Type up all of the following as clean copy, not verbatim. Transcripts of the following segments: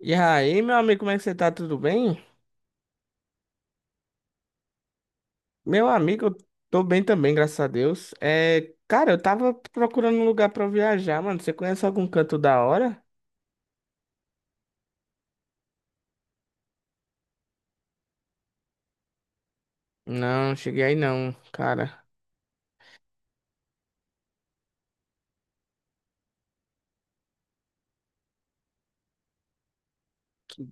E aí, meu amigo, como é que você tá? Tudo bem? Meu amigo, eu tô bem também, graças a Deus. É, cara, eu tava procurando um lugar pra eu viajar, mano. Você conhece algum canto da hora? Não, cheguei aí não, cara. Que,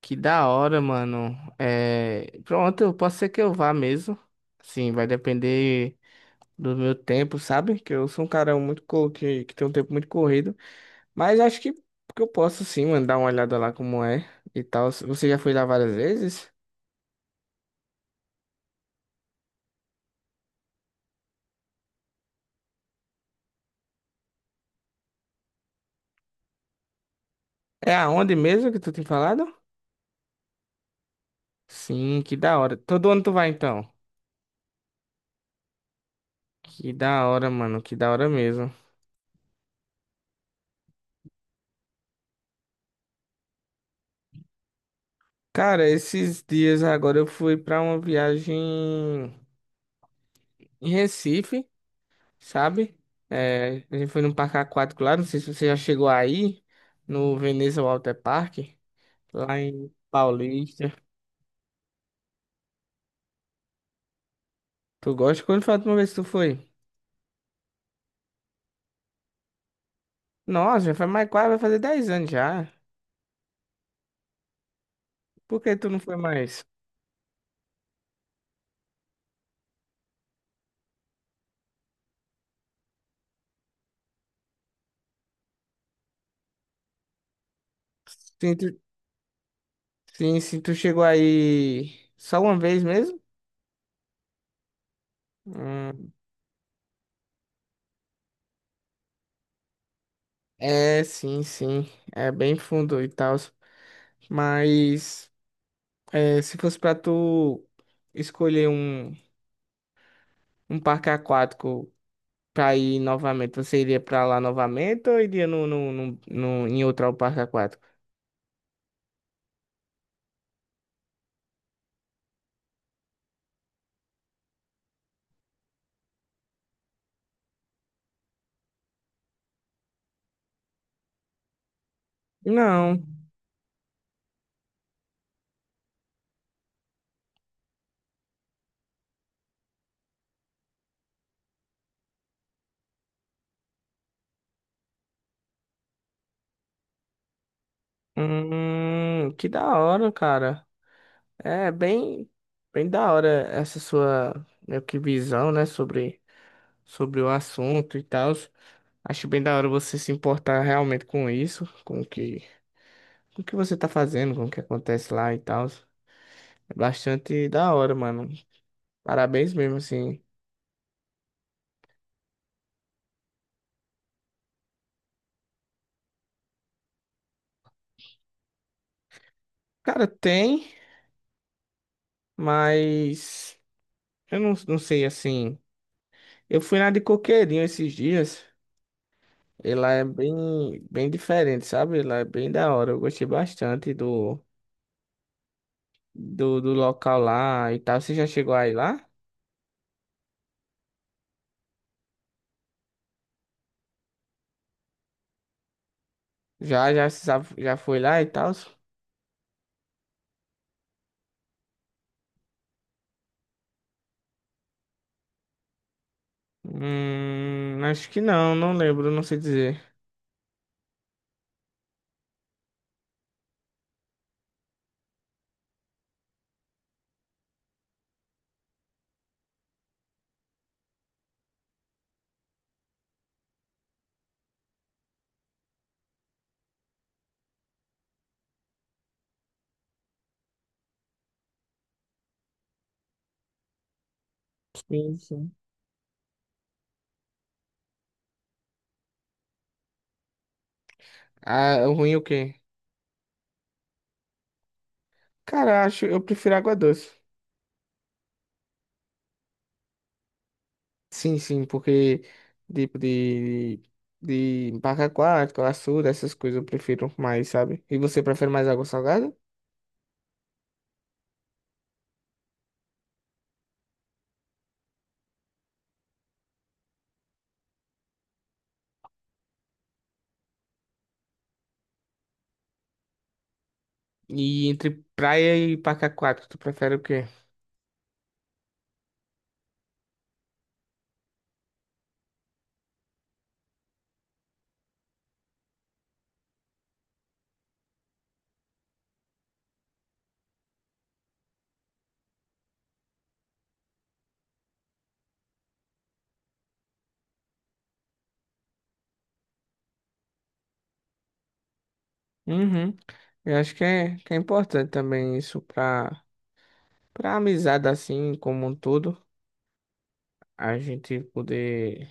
que da hora, mano. É, pronto, eu posso ser que eu vá mesmo. Sim, vai depender do meu tempo, sabe? Que eu sou um cara muito que tem um tempo muito corrido. Mas acho que eu posso sim, mano, dar uma olhada lá como é e tal. Você já foi lá várias vezes? É aonde mesmo que tu tem falado? Sim, que da hora. Todo ano tu vai então? Que da hora, mano, que da hora mesmo. Cara, esses dias agora eu fui pra uma viagem em Recife, sabe? É, a gente foi num parque aquático lá, não sei se você já chegou aí, no Veneza Water Park, lá em Paulista. Tu gosta? Quando foi a última vez que tu foi? Nossa, já faz mais quase, vai fazer 10 anos já. Por que tu não foi mais? Sim, sim, tu chegou aí só uma vez mesmo? Hum, é, sim, sim. É bem fundo e tal. Mas é, se fosse pra tu escolher um, um parque aquático pra ir novamente, você iria pra lá novamente ou iria no em outro parque aquático? Não. Que da hora, cara. É bem, bem da hora essa sua meio que visão, né, sobre, sobre o assunto e tal. Acho bem da hora você se importar realmente com isso, com o que você tá fazendo, com o que acontece lá e tal. É bastante da hora, mano. Parabéns mesmo, assim. Cara, tem, mas eu não sei, assim. Eu fui na de Coqueirinho esses dias. Ela é bem, bem diferente, sabe? Ela é bem da hora. Eu gostei bastante do local lá e tal. Você já chegou aí lá? Já, já, já foi lá e tal? Acho que não, não lembro, não sei dizer. Sim, sim. Ah, o ruim é o quê? Cara, acho, eu prefiro água doce. Sim, sim, porque tipo de barra aquática, açude, essas coisas eu prefiro mais, sabe? E você prefere mais água salgada? E entre praia e parque aquático, tu prefere o quê? Uhum. Eu acho que é importante também isso pra amizade assim, como um todo, a gente poder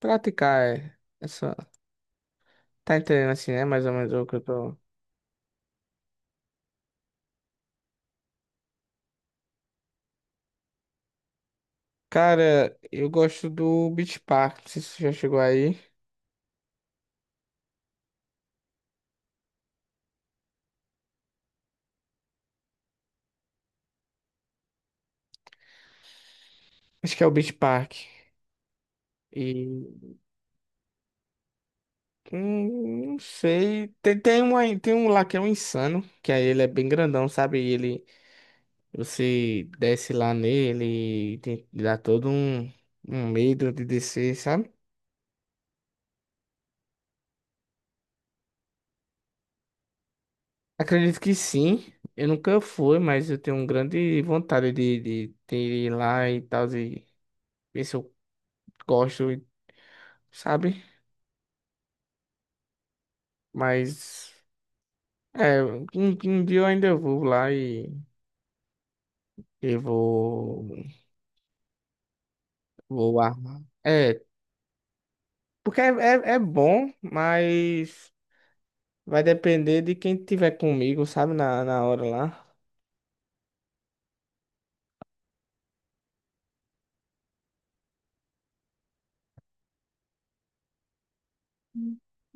praticar essa. Tá entendendo assim, né? Mais ou menos o que eu tô. Cara, eu gosto do Beach Park. Não sei se você já chegou aí. Acho que é o Beach Park. E não sei. Tem um lá que é um insano, que aí ele é bem grandão, sabe? E ele você desce lá nele e tem, dá todo um medo de descer, sabe? Acredito que sim. Eu nunca fui, mas eu tenho um grande vontade de ir lá e tal, e ver se eu gosto, sabe? Mas. É, um dia eu ainda vou lá e vou, vou armar. É, porque é bom, mas vai depender de quem tiver comigo, sabe, na hora lá.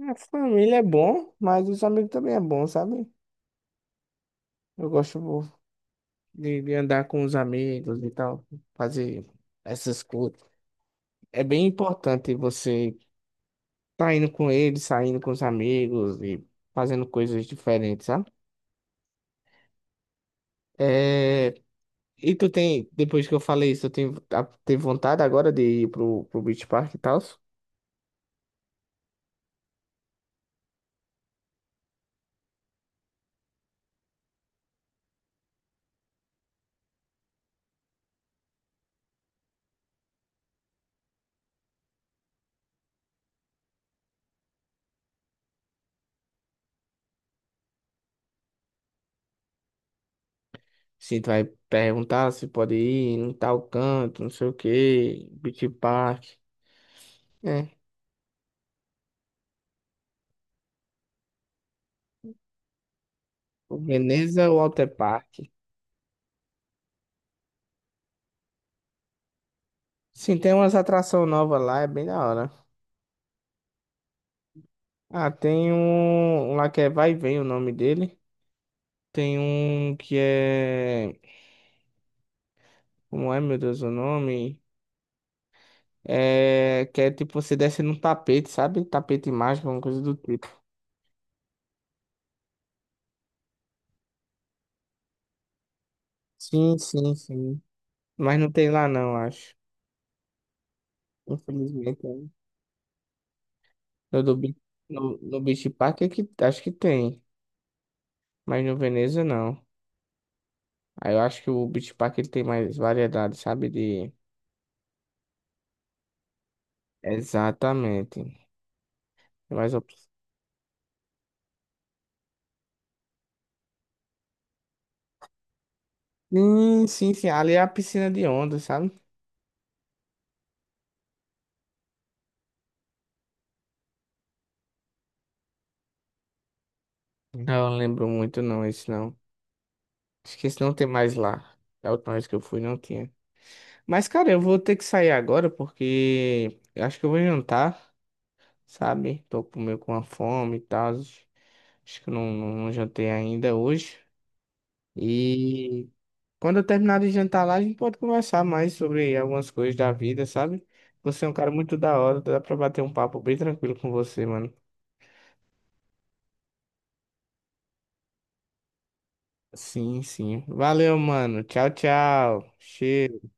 A família é bom, mas os amigos também é bom, sabe? Eu gosto de andar com os amigos e tal, fazer essas coisas. É bem importante você tá indo com eles, saindo com os amigos e fazendo coisas diferentes, sabe? É. E tu tem, depois que eu falei isso, tu tem, tem vontade agora de ir pro, Beach Park e tal? Sim, tu vai perguntar se pode ir em tal canto, não sei o quê, Beach Park, é o Veneza ou Alter Park. Sim, tem umas atrações novas lá, é bem da hora. Ah, tem um lá que é Vai e Vem o nome dele. Tem um que é. Como é, meu Deus, o nome? É. Que é tipo você desce num tapete, sabe? Tapete mágico, uma coisa do tipo. Sim, sim, sim. Mas não tem lá não, acho. Infelizmente, né? No, do, Be- no, no Beach Park é que, acho que tem. Mas no Veneza não. Aí eu acho que o Beach Park ele tem mais variedade, sabe? De... Exatamente. Tem mais opções. Sim, sim, sim. Ali é a piscina de onda, sabe? Não, lembro muito não, esse não. Acho que esse não tem mais lá. Da última vez que eu fui não tinha. Mas, cara, eu vou ter que sair agora porque eu acho que eu vou jantar. Sabe? Tô meio com uma fome e tal. Acho que eu não jantei ainda hoje. E quando eu terminar de jantar lá, a gente pode conversar mais sobre algumas coisas da vida, sabe? Você é um cara muito da hora, dá pra bater um papo bem tranquilo com você, mano. Sim, sim. Valeu, mano. Tchau, tchau. Cheiro.